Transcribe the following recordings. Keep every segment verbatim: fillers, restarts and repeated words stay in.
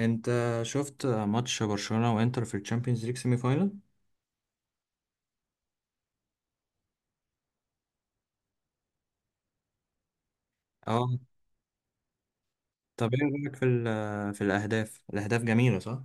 انت شفت ماتش برشلونة وانتر في الشامبيونز ليج سيمي فاينل. اه، طب ايه رايك في ال- في الاهداف؟ الاهداف جميلة صح.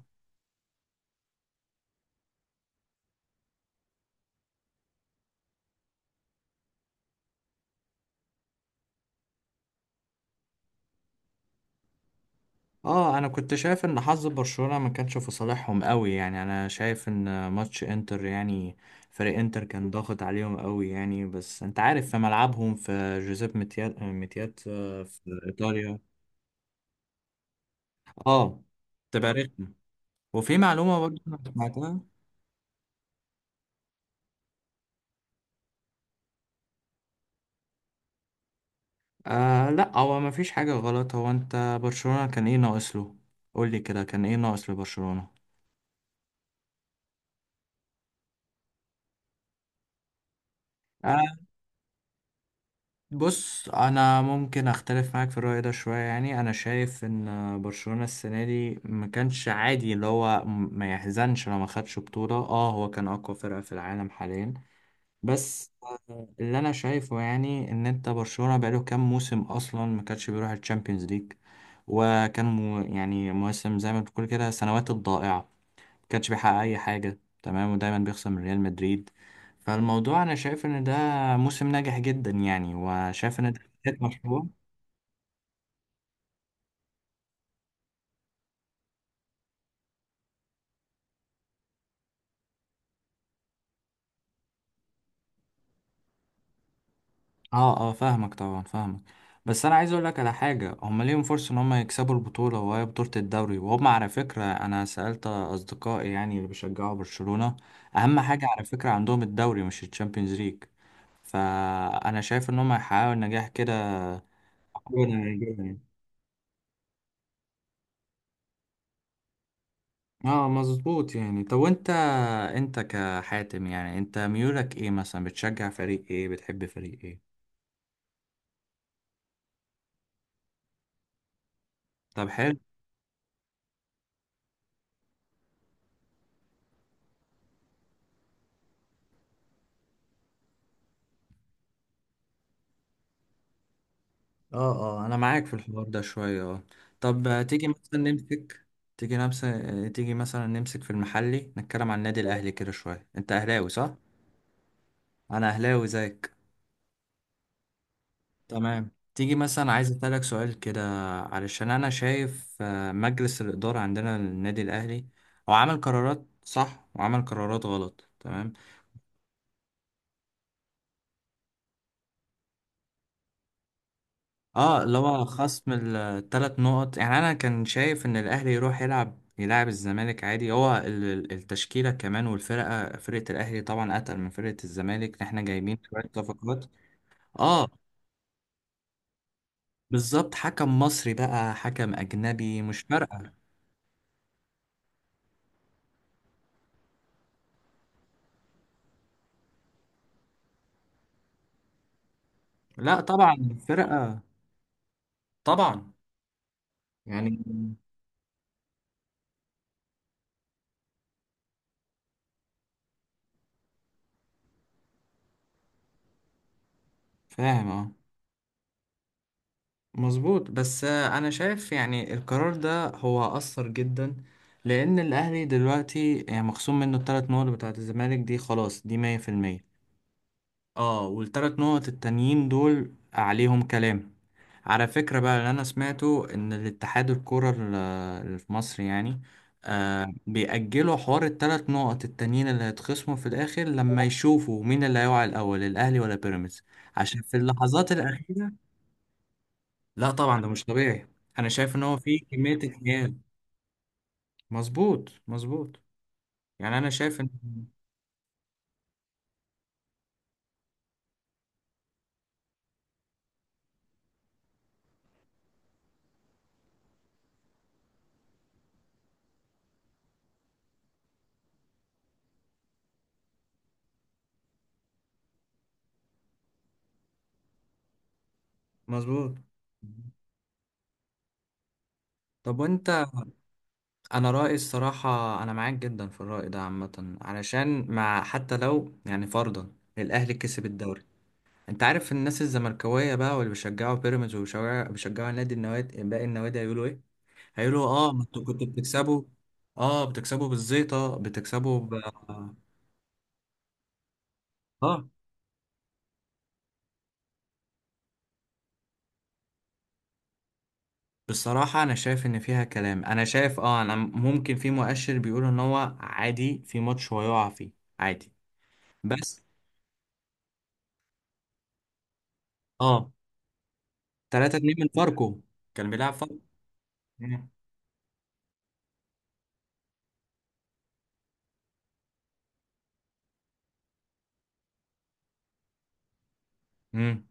اه، انا كنت شايف ان حظ برشلونة ما كانش في صالحهم قوي، يعني انا شايف ان ماتش انتر يعني فريق انتر كان ضاغط عليهم قوي يعني. بس انت عارف في ملعبهم في جوزيب ميتيات ميتيات آه، في ايطاليا، اه تبقى رخمة. وفي معلومة برضه انا سمعتها. آه لا، هو ما فيش حاجة غلط. هو انت برشلونة كان ايه ناقص له؟ قول لي كده، كان ايه ناقص لبرشلونة؟ آه بص، انا ممكن اختلف معاك في الرأي ده شوية. يعني انا شايف ان برشلونة السنة دي ما كانش عادي اللي هو م- ما يحزنش لو ما خدش بطولة. اه هو كان اقوى فرقة في العالم حاليا، بس اللي انا شايفه يعني ان انت برشلونة بقاله كام موسم اصلا ما كانش بيروح الشامبيونز ليج، وكان مو يعني مواسم زي ما بتقول كده سنوات الضائعة. كانش بيحقق اي حاجه، تمام، ودايما بيخسر من ريال مدريد. فالموضوع انا شايف ان ده موسم ناجح جدا يعني، وشايف ان ده بداية مشروع. اه اه فاهمك طبعا فاهمك. بس انا عايز اقول لك على حاجه، هم ليهم فرصه ان هم يكسبوا البطوله، وهي بطوله الدوري، وهم على فكره انا سالت اصدقائي يعني اللي بيشجعوا برشلونه، اهم حاجه على فكره عندهم الدوري مش الشامبيونز ليج. فانا شايف ان هم هيحققوا النجاح كده. اه مظبوط يعني. طب وانت، انت كحاتم يعني انت ميولك ايه؟ مثلا بتشجع فريق ايه؟ بتحب فريق ايه؟ طب حلو. اه اه انا معاك في الحوار ده شوية، اه. طب آه، تيجي مثلا نمسك، تيجي نمسك تيجي مثلا نمسك في المحلي، نتكلم عن النادي الاهلي كده شوية. انت اهلاوي صح؟ انا اهلاوي زيك. تمام. تيجي مثلا، عايز اسالك سؤال كده، علشان انا شايف آه، مجلس الادارة عندنا للنادي الاهلي هو عمل قرارات صح وعمل قرارات غلط، تمام. اه اللي هو خصم الثلاث نقط. يعني انا كان شايف ان الاهلي يروح يلعب يلعب الزمالك عادي. هو ال- ال- التشكيله كمان، والفرقه فرقه الاهلي طبعا اتقل من فرقه الزمالك، احنا جايبين شويه صفقات. اه بالظبط، حكم مصري بقى حكم اجنبي مش فارقه. لا طبعا الفرقه. طبعا، يعني فاهم. اه مظبوط. بس آه، انا شايف يعني القرار ده هو اثر جدا، لان الاهلي دلوقتي يعني مخصوم منه الثلاث نقط بتاعت الزمالك دي، خلاص دي مية في المية. اه والثلاث نقط التانيين دول عليهم كلام. على فكرة بقى، اللي انا سمعته ان الاتحاد الكرة ال- اللي في مصر يعني، آه بيأجلوا حوار الثلاث نقط التانيين اللي هيتخصموا في الاخر، لما يشوفوا مين اللي هيقع الاول الاهلي ولا بيراميدز. عشان في اللحظات الأخيرة. لا طبعا ده مش طبيعي. انا شايف ان هو في كمية اجيال. مظبوط مظبوط. يعني انا شايف ان مظبوط. طب وانت، انا رأيي الصراحة انا معاك جدا في الرأي ده عامة، علشان مع حتى لو يعني فرضا الاهلي كسب الدوري، انت عارف الناس الزملكاوية بقى واللي بيشجعوا بيراميدز وبيشجعوا بيشجعوا النادي النوادي باقي النوادي هيقولوا ايه؟ هيقولوا اه ما انتوا كنتوا بتكسبوا. اه بتكسبوا بالزيطة، بتكسبوا ب... اه بصراحة أنا شايف إن فيها كلام. أنا شايف أه أنا ممكن في مؤشر بيقول إن هو عادي في ماتش هو يقع فيه عادي. بس أه ثلاثة اتنين من فاركو، كان بيلعب فاركو. امم.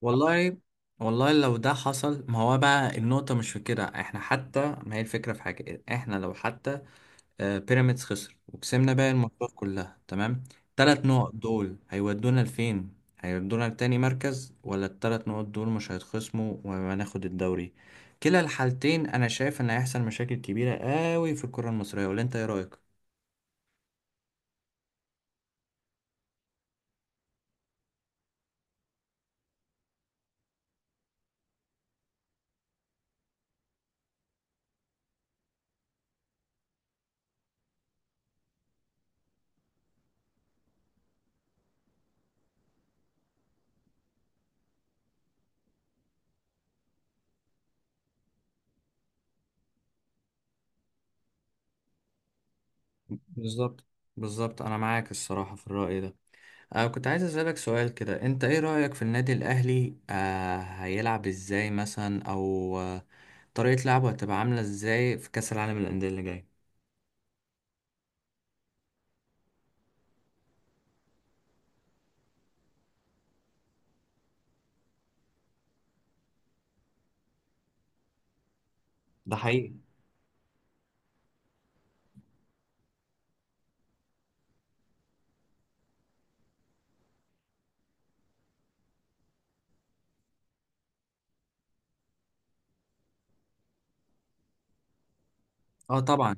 والله، والله لو ده حصل ما هو بقى النقطة مش في كده. إحنا حتى ما هي الفكرة في حاجة، إحنا لو حتى آه، بيراميدز خسر وكسبنا باقي الماتشات كلها تمام، تلات نقط دول هيودونا لفين؟ هيودونا لتاني مركز، ولا التلات نقط دول مش هيتخصموا وهناخد الدوري. كلا الحالتين انا شايف ان هيحصل مشاكل كبيرة قوي في الكرة المصرية، ولا انت ايه رأيك؟ بالظبط بالظبط، انا معاك الصراحة في الرأي ده. أنا كنت عايز أسألك سؤال كده، أنت إيه رأيك في النادي الأهلي؟ آه هيلعب إزاي مثلا، أو آه طريقة لعبه هتبقى عاملة إزاي في كأس العالم للأندية اللي جاي؟ ده حقيقي. اه طبعا.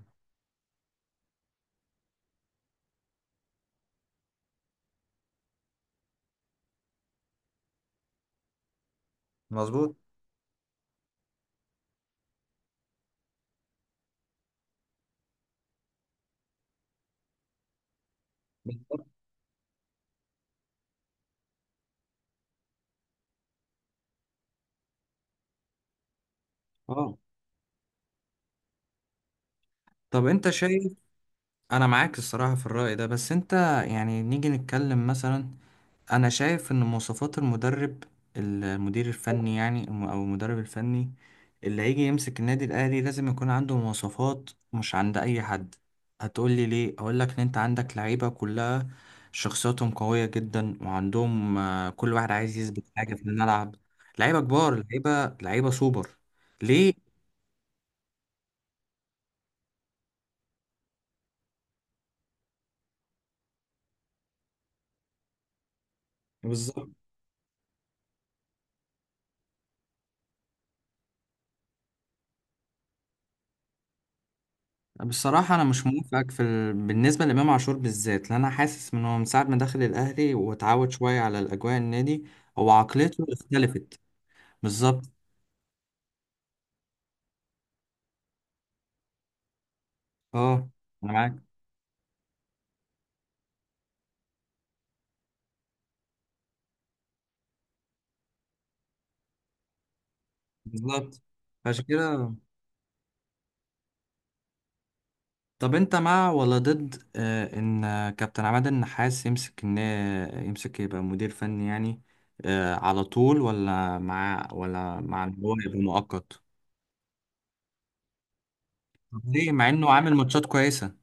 مظبوط. اه طب انت شايف، انا معاك الصراحة في الرأي ده. بس انت يعني نيجي نتكلم مثلا، انا شايف ان مواصفات المدرب، المدير الفني يعني الم- او المدرب الفني اللي هيجي يمسك النادي الاهلي لازم يكون عنده مواصفات مش عند اي حد. هتقولي ليه؟ اقول لك ان انت عندك لعيبة كلها شخصياتهم قوية جدا، وعندهم آه، كل واحد عايز يثبت حاجة في الملعب. لعيبة كبار، لعيبة لعيبة سوبر. ليه؟ بالظبط. بصراحة أنا مش موافقك في ال... بالنسبة لإمام عاشور بالذات، لأن أنا حاسس من هو من ساعة ما دخل الأهلي واتعود شوية على الأجواء النادي، هو عقليته اختلفت. بالظبط. أه أنا معاك. بالظبط. عشان كده، طب أنت مع ولا ضد آه إن آه، كابتن عماد النحاس يمسك، إن يمسك يبقى مدير فني يعني آه على طول، ولا مع ولا مع إن هو يبقى مؤقت؟ طب ليه مع إنه عامل ماتشات كويسة؟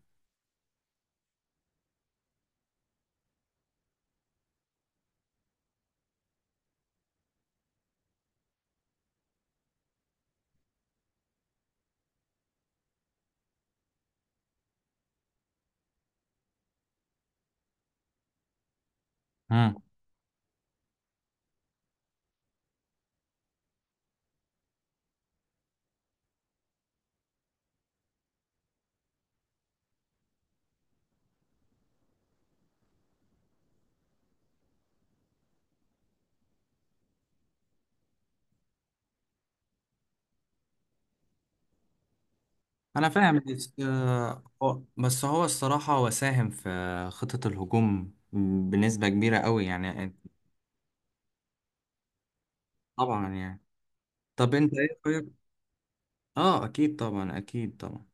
انا فاهم، بس آه هو- بس هو الصراحة هو ساهم في خطة الهجوم بنسبة كبيرة قوي يعني. طبعا يعني. طب انت ايه رأيك؟ اه اكيد طبعا، اكيد طبعا.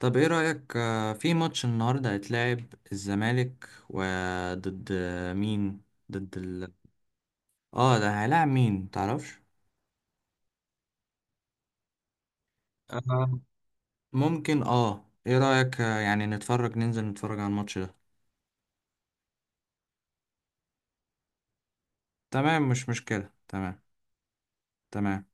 طب ايه رأيك آه، في ماتش النهاردة هيتلعب الزمالك وضد مين؟ ضد ال، اه ده هيلاعب مين تعرفش؟ آه، ممكن اه ايه رأيك آه، يعني نتفرج، ننزل نتفرج على الماتش ده؟ تمام مش مشكلة. تمام. تمام.